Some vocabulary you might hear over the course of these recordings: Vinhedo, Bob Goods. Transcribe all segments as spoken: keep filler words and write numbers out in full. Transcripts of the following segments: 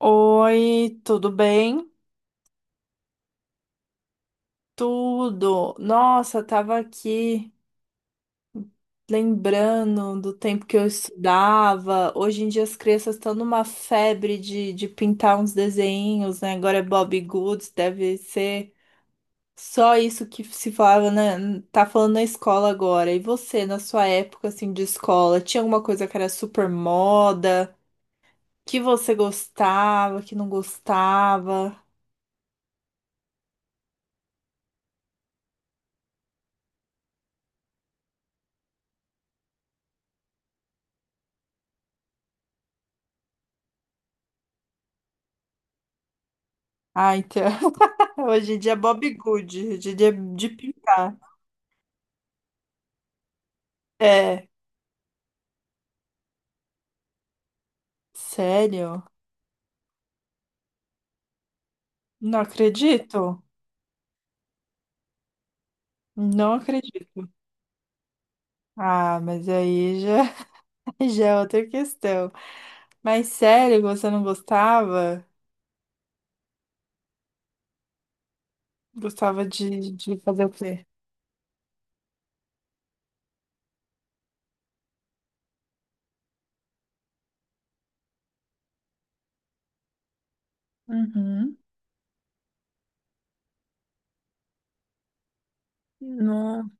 Oi, tudo bem? Tudo. Nossa, tava aqui lembrando do tempo que eu estudava. Hoje em dia as crianças estão numa febre de, de pintar uns desenhos, né? Agora é Bob Goods, deve ser só isso que se falava, né? Tá falando na escola agora. E você, na sua época assim de escola, tinha alguma coisa que era super moda, que você gostava, que não gostava? Ah, então. Hoje em dia é Bob Good, hoje em dia é de pintar. É, sério? Não acredito. Não acredito. Ah, mas aí já, já é outra questão. Mas sério, você não gostava? Gostava de, de fazer o quê? Uhum. No...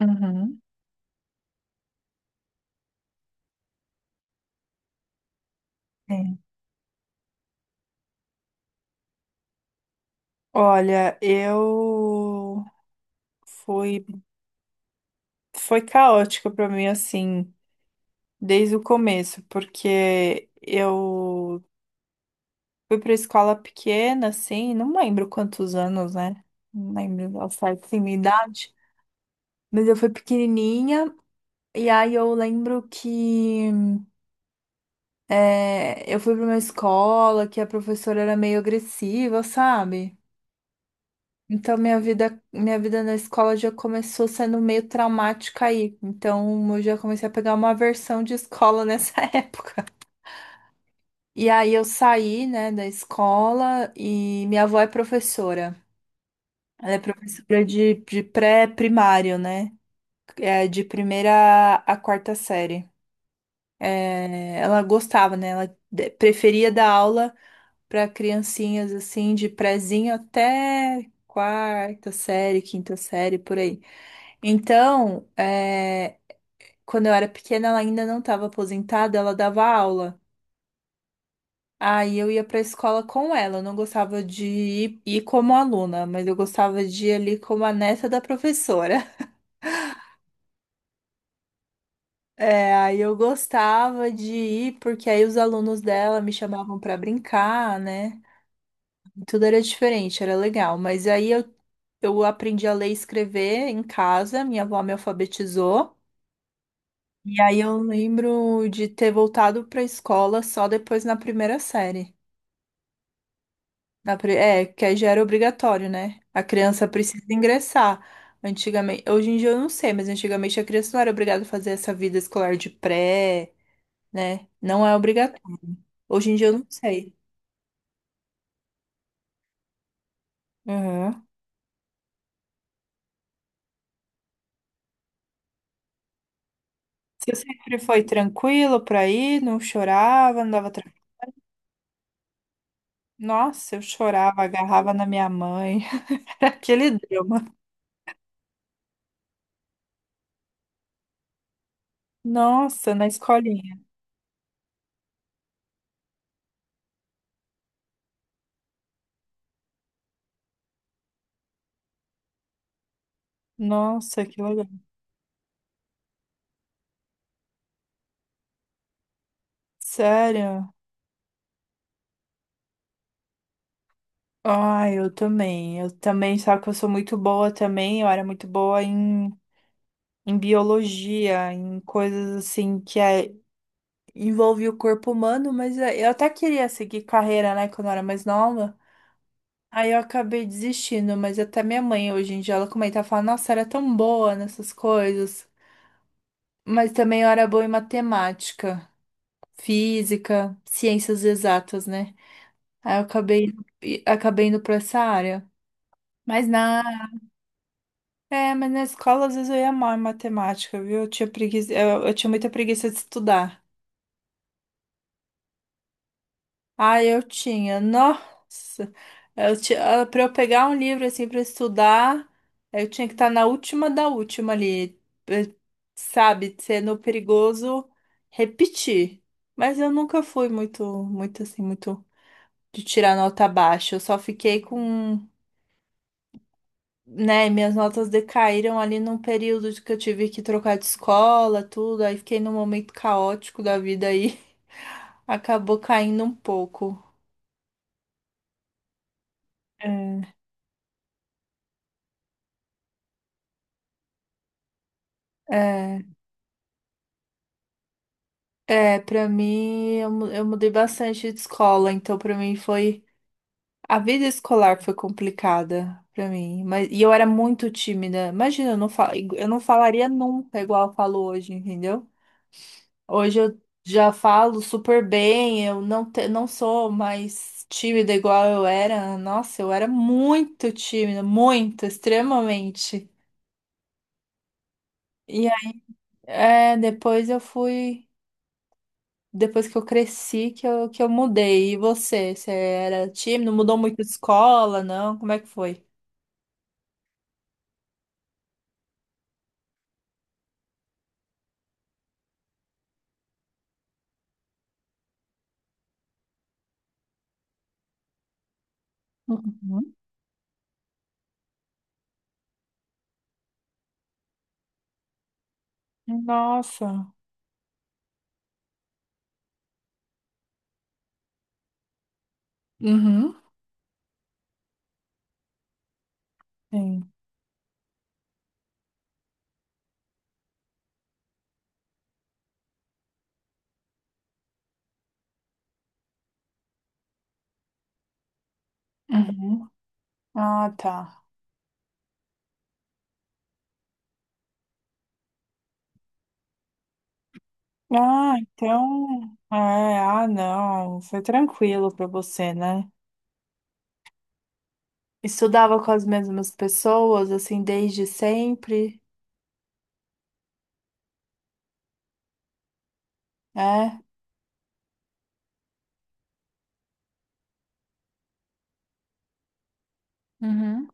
Uhum. Sim. Olha, eu fui, foi caótico para mim assim, desde o começo, porque eu fui pra escola pequena, assim, não lembro quantos anos, né? Não lembro ao certo assim, minha idade. Mas eu fui pequenininha, e aí eu lembro que é, eu fui pra uma escola que a professora era meio agressiva, sabe? Então minha vida, minha vida na escola já começou sendo meio traumática aí. Então eu já comecei a pegar uma aversão de escola nessa época. E aí eu saí, né, da escola e minha avó é professora. Ela é professora de, de pré-primário, né? É, de primeira a quarta série. É, ela gostava, né? Ela de- preferia dar aula para criancinhas assim, de prézinho até quarta série, quinta série, por aí. Então, é, quando eu era pequena, ela ainda não estava aposentada, ela dava aula. Aí eu ia para a escola com ela. Eu não gostava de ir, ir como aluna, mas eu gostava de ir ali como a neta da professora. É, aí eu gostava de ir, porque aí os alunos dela me chamavam para brincar, né? Tudo era diferente, era legal. Mas aí eu, eu aprendi a ler e escrever em casa, minha avó me alfabetizou. E aí eu lembro de ter voltado para a escola só depois na primeira série. Na, pri- é, que aí já era obrigatório, né? A criança precisa ingressar. Antigamente, hoje em dia eu não sei, mas antigamente a criança não era obrigada a fazer essa vida escolar de pré, né? Não é. Hoje em dia eu não sei. Uhum. Se sempre foi tranquilo pra ir, não chorava, não dava tra... Nossa, eu chorava, agarrava na minha mãe. Era aquele drama. Nossa, na escolinha. Nossa, que legal. Sério? Ai, eu também. Eu também, só que eu sou muito boa também. Eu era muito boa em, em biologia, em coisas assim que é, envolve o corpo humano, mas é, eu até queria seguir carreira, né, quando eu era mais nova. Aí eu acabei desistindo, mas até minha mãe hoje em dia ela comenta, ela fala, nossa, era tão boa nessas coisas. Mas também eu era boa em matemática, física, ciências exatas, né? Aí eu acabei, e- acabei indo pra essa área. Mas na, é, mas na escola às vezes eu ia mal em matemática, viu? Eu tinha preguiça, eu, eu tinha muita preguiça de estudar. Ah, eu tinha. Nossa, eu tinha, para eu pegar um livro assim para estudar, eh, eu tinha que estar na última da última ali, eh, sabe, sendo perigoso repetir. Mas eu nunca fui muito, muito assim, muito de tirar nota baixa. Eu só fiquei com, né, minhas notas decaíram ali num período de que eu tive que trocar de escola, tudo. Aí fiquei num momento caótico da vida aí, acabou caindo um pouco. É. É. É, pra mim, eu, mu- eu mudei bastante de escola, então pra mim foi. A vida escolar foi complicada pra mim, mas e eu era muito tímida. Imagina, eu não fal... eu não falaria nunca igual eu falo hoje, entendeu? Hoje eu já falo super bem, eu não, te... não sou mais tímida igual eu era. Nossa, eu era muito tímida, muito, extremamente. E aí, é, depois eu fui. Depois que eu cresci que eu, que eu mudei. E você? Você era tímido? Mudou muito de escola? Não? Como é que foi? Uhum. Nossa, uhum, sim. Uhum. Ah, tá. Ah, então. É, ah, não. Foi tranquilo pra você, né? Estudava com as mesmas pessoas, assim, desde sempre. É? Uhum.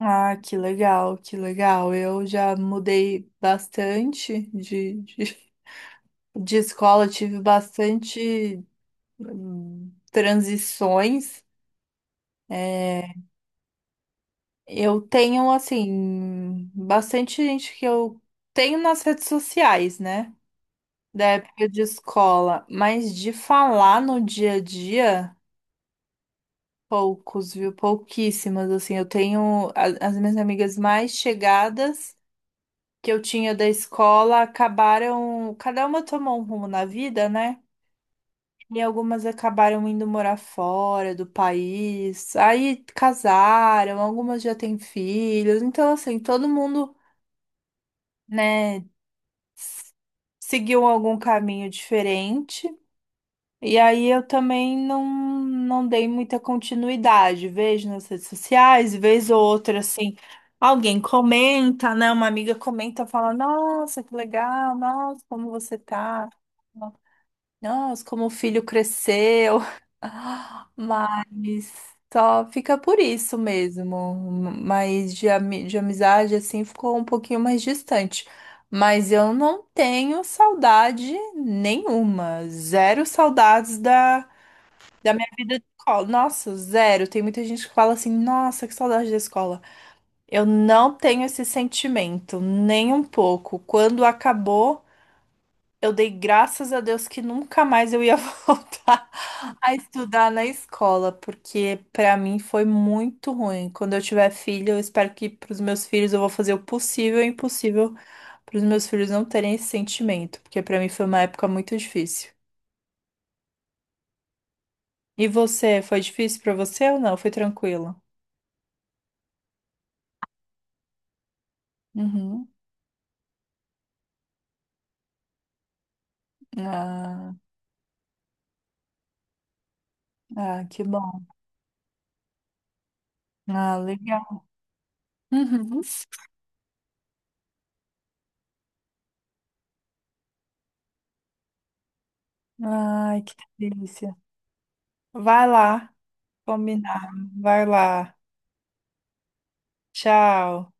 Ah, que legal, que legal. Eu já mudei bastante de, de de escola. Eu tive bastante hum, transições. É, eu tenho, assim, bastante gente que eu tenho nas redes sociais, né? Da época de escola, mas de falar no dia a dia, poucos, viu? Pouquíssimas, assim. Eu tenho a- as minhas amigas mais chegadas que eu tinha da escola acabaram, cada uma tomou um rumo na vida, né? E algumas acabaram indo morar fora do país, aí casaram, algumas já têm filhos, então assim, todo mundo, né, s- seguiu algum caminho diferente. E aí eu também não, não dei muita continuidade, vejo nas redes sociais, vez ou outra assim, alguém comenta, né, uma amiga comenta, fala, nossa, que legal, nossa, como você tá? Nossa, como o filho cresceu. Mas só fica por isso mesmo. Mas de, ami- de amizade, assim, ficou um pouquinho mais distante. Mas eu não tenho saudade nenhuma. Zero saudades da, da minha vida de escola. Nossa, zero. Tem muita gente que fala assim, nossa, que saudade da escola. Eu não tenho esse sentimento, nem um pouco. Quando acabou. Eu dei graças a Deus que nunca mais eu ia voltar a estudar na escola, porque pra mim foi muito ruim. Quando eu tiver filho, eu espero que pros meus filhos eu vou fazer o possível e o impossível pros meus filhos não terem esse sentimento, porque pra mim foi uma época muito difícil. E você, foi difícil pra você ou não? Foi tranquilo? Uhum. Ah, ah, que bom. Ah, legal. Uhum. Ai, que delícia. Vai lá, combinar. Vai lá. Tchau.